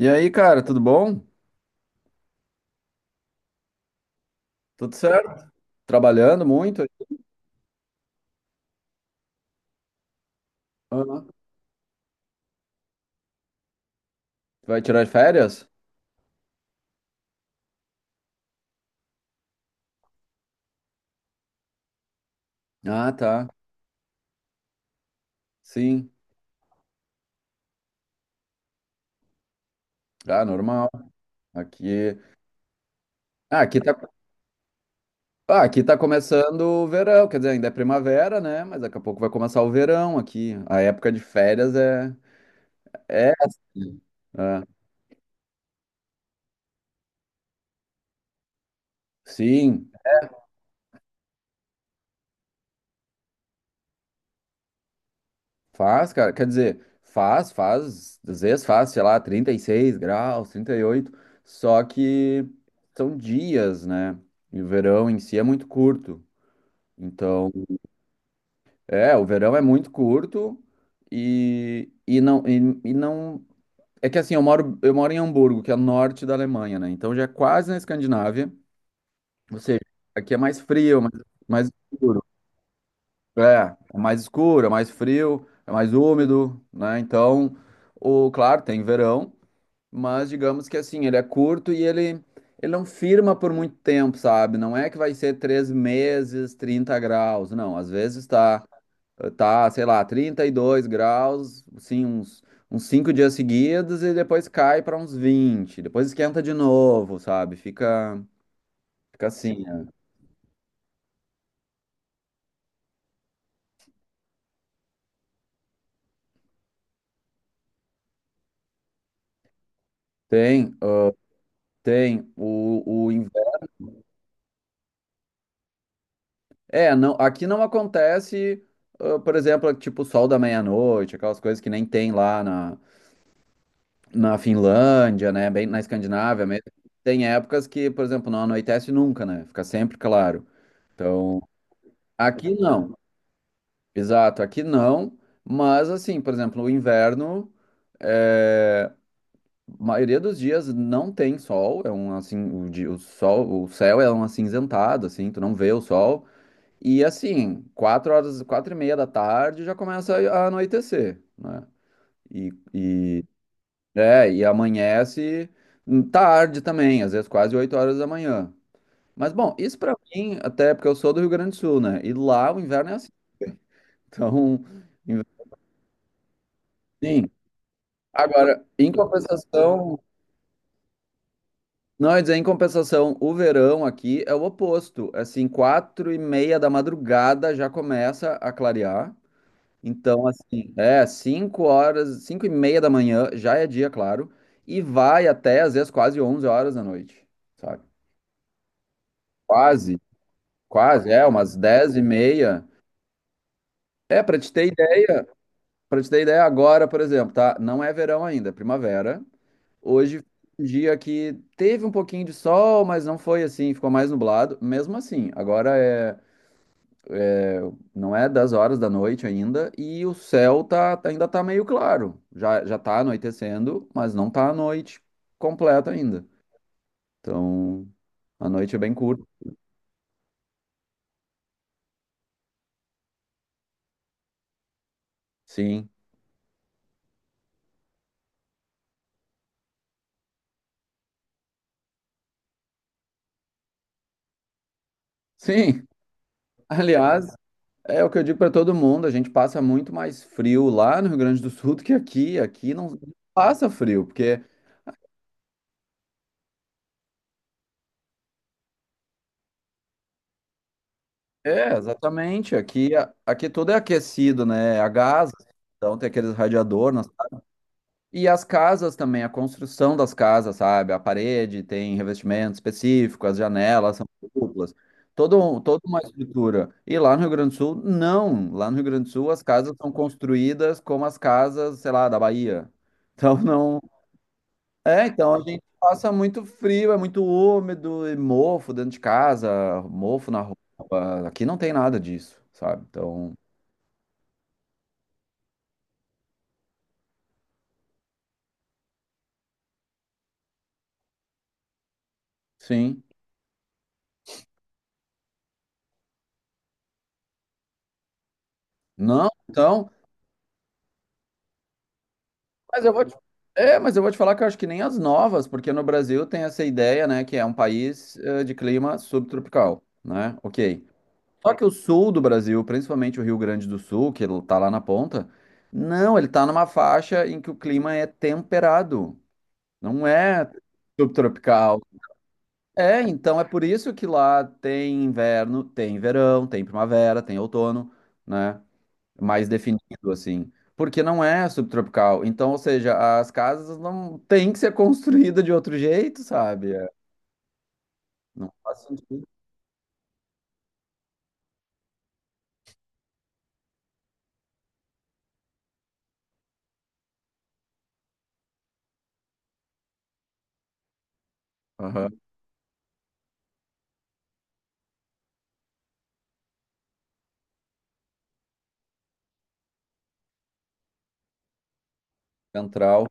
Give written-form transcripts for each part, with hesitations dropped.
E aí, cara, tudo bom? Tudo certo? Trabalhando muito? Aham. Vai tirar férias? Ah, tá. Sim. Ah, normal. Aqui, ah, aqui tá, ah, aqui tá começando o verão, quer dizer, ainda é primavera, né? Mas daqui a pouco vai começar o verão aqui. A época de férias é assim. Ah, sim, faz, cara. Quer dizer, às vezes faz, sei lá, 36 graus, 38. Só que são dias, né? E o verão em si é muito curto. Então, o verão é muito curto e, e não e, e não é que assim, eu moro em Hamburgo, que é o norte da Alemanha, né? Então já é quase na Escandinávia, ou seja, aqui é mais frio, mais escuro. É, é mais escuro, é mais frio, é mais úmido, né? Então, o claro, tem verão, mas digamos que assim, ele é curto e ele não firma por muito tempo, sabe? Não é que vai ser 3 meses, 30 graus, não. Às vezes tá, sei lá, 32 graus, assim, uns 5 dias seguidos e depois cai para uns 20. Depois esquenta de novo, sabe? Fica assim, né? Tem, ah, tem o inverno. É, não, aqui não acontece, por exemplo, tipo, sol da meia-noite, aquelas coisas que nem tem lá na Finlândia, né? Bem na Escandinávia mesmo. Tem épocas que, por exemplo, não anoitece nunca, né? Fica sempre claro. Então, aqui não. Exato, aqui não, mas assim, por exemplo, o inverno, é, maioria dos dias não tem sol, é um assim, o sol, o céu é um acinzentado, assim, tu não vê o sol, e assim, 4 horas, 4:30 da tarde já começa a anoitecer, né? E, e e amanhece tarde também, às vezes quase 8 horas da manhã. Mas bom, isso pra mim, até porque eu sou do Rio Grande do Sul, né? E lá o inverno é assim, então, sim. Agora, em compensação, não, eu ia dizer, em compensação, o verão aqui é o oposto. Assim, 4:30 da madrugada já começa a clarear. Então, assim, é 5 horas, 5:30 da manhã já é dia, claro, e vai até às vezes quase 11 horas da noite, sabe? Quase, quase, é umas 10:30. É, pra te ter ideia agora, por exemplo, tá? Não é verão ainda, é primavera. Hoje foi um dia que teve um pouquinho de sol, mas não foi assim, ficou mais nublado. Mesmo assim, não é 10 horas da noite ainda e o céu ainda tá meio claro. Já tá anoitecendo, mas não tá a noite completa ainda. Então, a noite é bem curta. Sim. Sim. Aliás, é o que eu digo para todo mundo, a gente passa muito mais frio lá no Rio Grande do Sul do que aqui. Aqui não passa frio, porque... É, exatamente. Aqui tudo é aquecido, né? É a gás, então tem aqueles radiador. E as casas também, a construção das casas, sabe? A parede tem revestimento específico, as janelas são duplas. Toda uma estrutura. E lá no Rio Grande do Sul, não. Lá no Rio Grande do Sul, as casas são construídas como as casas, sei lá, da Bahia. Então, não, então a gente passa muito frio, é muito úmido e mofo dentro de casa, mofo na roupa. Aqui não tem nada disso, sabe? Então, sim. Não, então, mas eu vou te, é, mas eu vou te falar que eu acho que nem as novas, porque no Brasil tem essa ideia, né, que é um país de clima subtropical, né? OK. Só que o sul do Brasil, principalmente o Rio Grande do Sul, que ele tá lá na ponta, não, ele tá numa faixa em que o clima é temperado. Não é subtropical. É, então é por isso que lá tem inverno, tem verão, tem primavera, tem outono, né? Mais definido assim, porque não é subtropical. Então, ou seja, as casas não têm que ser construídas de outro jeito, sabe? É. Não faz sentido. Aham. Central.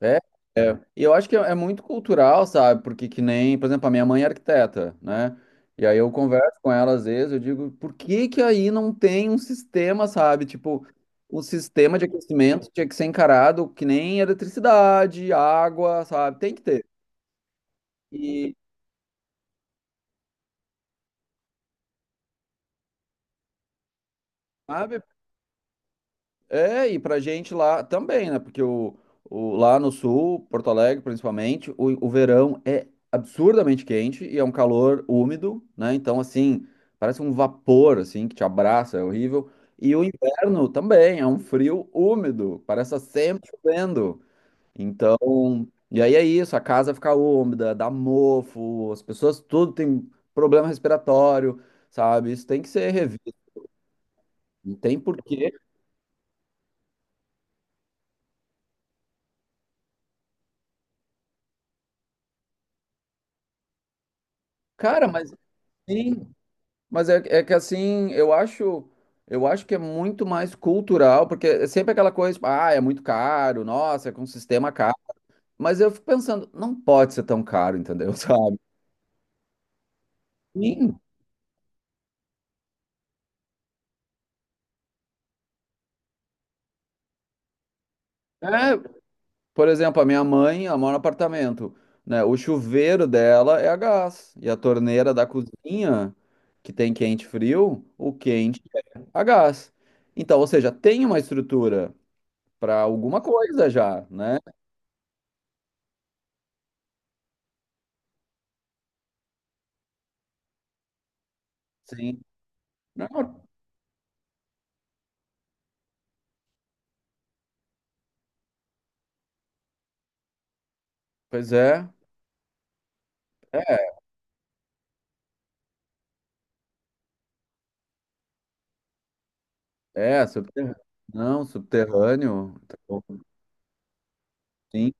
É, é. E eu acho que é muito cultural, sabe? Porque que nem, por exemplo, a minha mãe é arquiteta, né? E aí eu converso com ela às vezes, eu digo, por que que aí não tem um sistema, sabe? Tipo, o sistema de aquecimento tinha que ser encarado que nem eletricidade, água, sabe? Tem que ter. E, sabe? É, e pra gente lá também, né? Porque lá no sul, Porto Alegre principalmente, o verão é absurdamente quente e é um calor úmido, né? Então, assim, parece um vapor, assim, que te abraça, é horrível. E o inverno também é um frio úmido, parece estar sempre chovendo. Então, e aí é isso, a casa fica úmida, dá mofo, as pessoas tudo tem problema respiratório, sabe? Isso tem que ser revisto, não tem porquê. Cara, mas... Sim. Mas é que assim, eu acho que é muito mais cultural, porque é sempre aquela coisa, tipo, ah, é muito caro, nossa, é com um sistema caro. Mas eu fico pensando, não pode ser tão caro, entendeu? Sabe? Sim. É, por exemplo, a minha mãe, ela mora no apartamento, né? O chuveiro dela é a gás, e a torneira da cozinha, que tem quente e frio, o quente é a gás. Então, ou seja, tem uma estrutura para alguma coisa já, né? Sim. Não, pois é. É. É, subterrâneo. Não, subterrâneo. Tá bom, sim.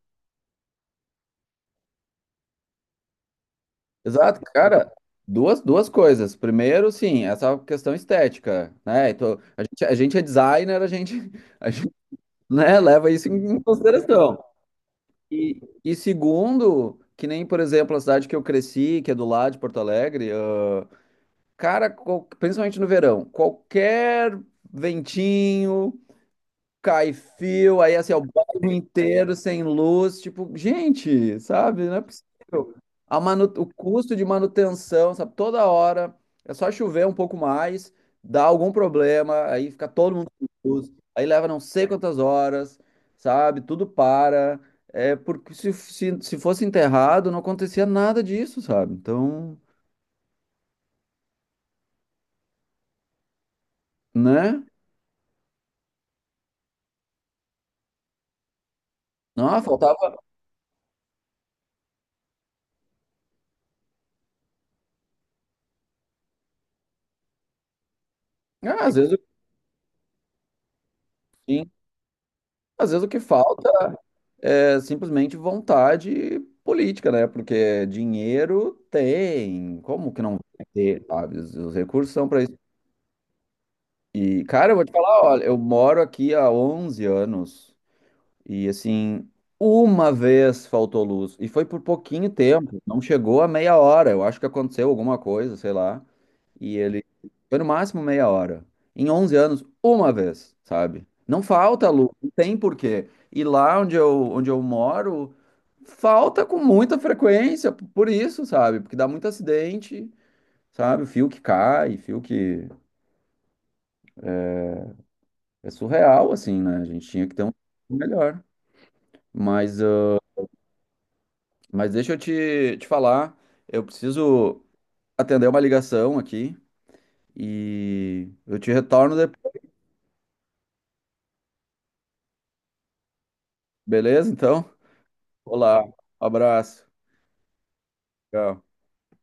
Exato, cara. Duas coisas. Primeiro, sim, essa questão estética, né? Então, a gente é designer, a gente, né, leva isso em consideração. E segundo, que nem, por exemplo, a cidade que eu cresci, que é do lado de Porto Alegre, ah, cara, principalmente no verão, qualquer ventinho, cai fio, aí assim, ó, o bairro inteiro sem luz, tipo, gente, sabe? Não é possível. O custo de manutenção, sabe? Toda hora é só chover um pouco mais, dá algum problema, aí fica todo mundo sem luz, aí leva não sei quantas horas, sabe? Tudo para. É porque se fosse enterrado, não acontecia nada disso, sabe? Então, né? Não, faltava. Ah, às vezes, sim, às vezes o que falta. É simplesmente vontade política, né? Porque dinheiro tem, como que não vai ter, sabe? Os recursos são para isso. E, cara, eu vou te falar, olha, eu moro aqui há 11 anos e, assim, uma vez faltou luz e foi por pouquinho tempo, não chegou a meia hora. Eu acho que aconteceu alguma coisa, sei lá. E ele foi no máximo meia hora. Em 11 anos, uma vez, sabe? Não falta luz, não tem porquê. E lá onde eu moro, falta com muita frequência, por isso, sabe? Porque dá muito acidente, sabe? Fio que cai, fio que... É surreal, assim, né? A gente tinha que ter um melhor. Mas, ah, mas deixa eu te falar, eu preciso atender uma ligação aqui e eu te retorno depois, beleza? Então, olá, abraço. Tchau.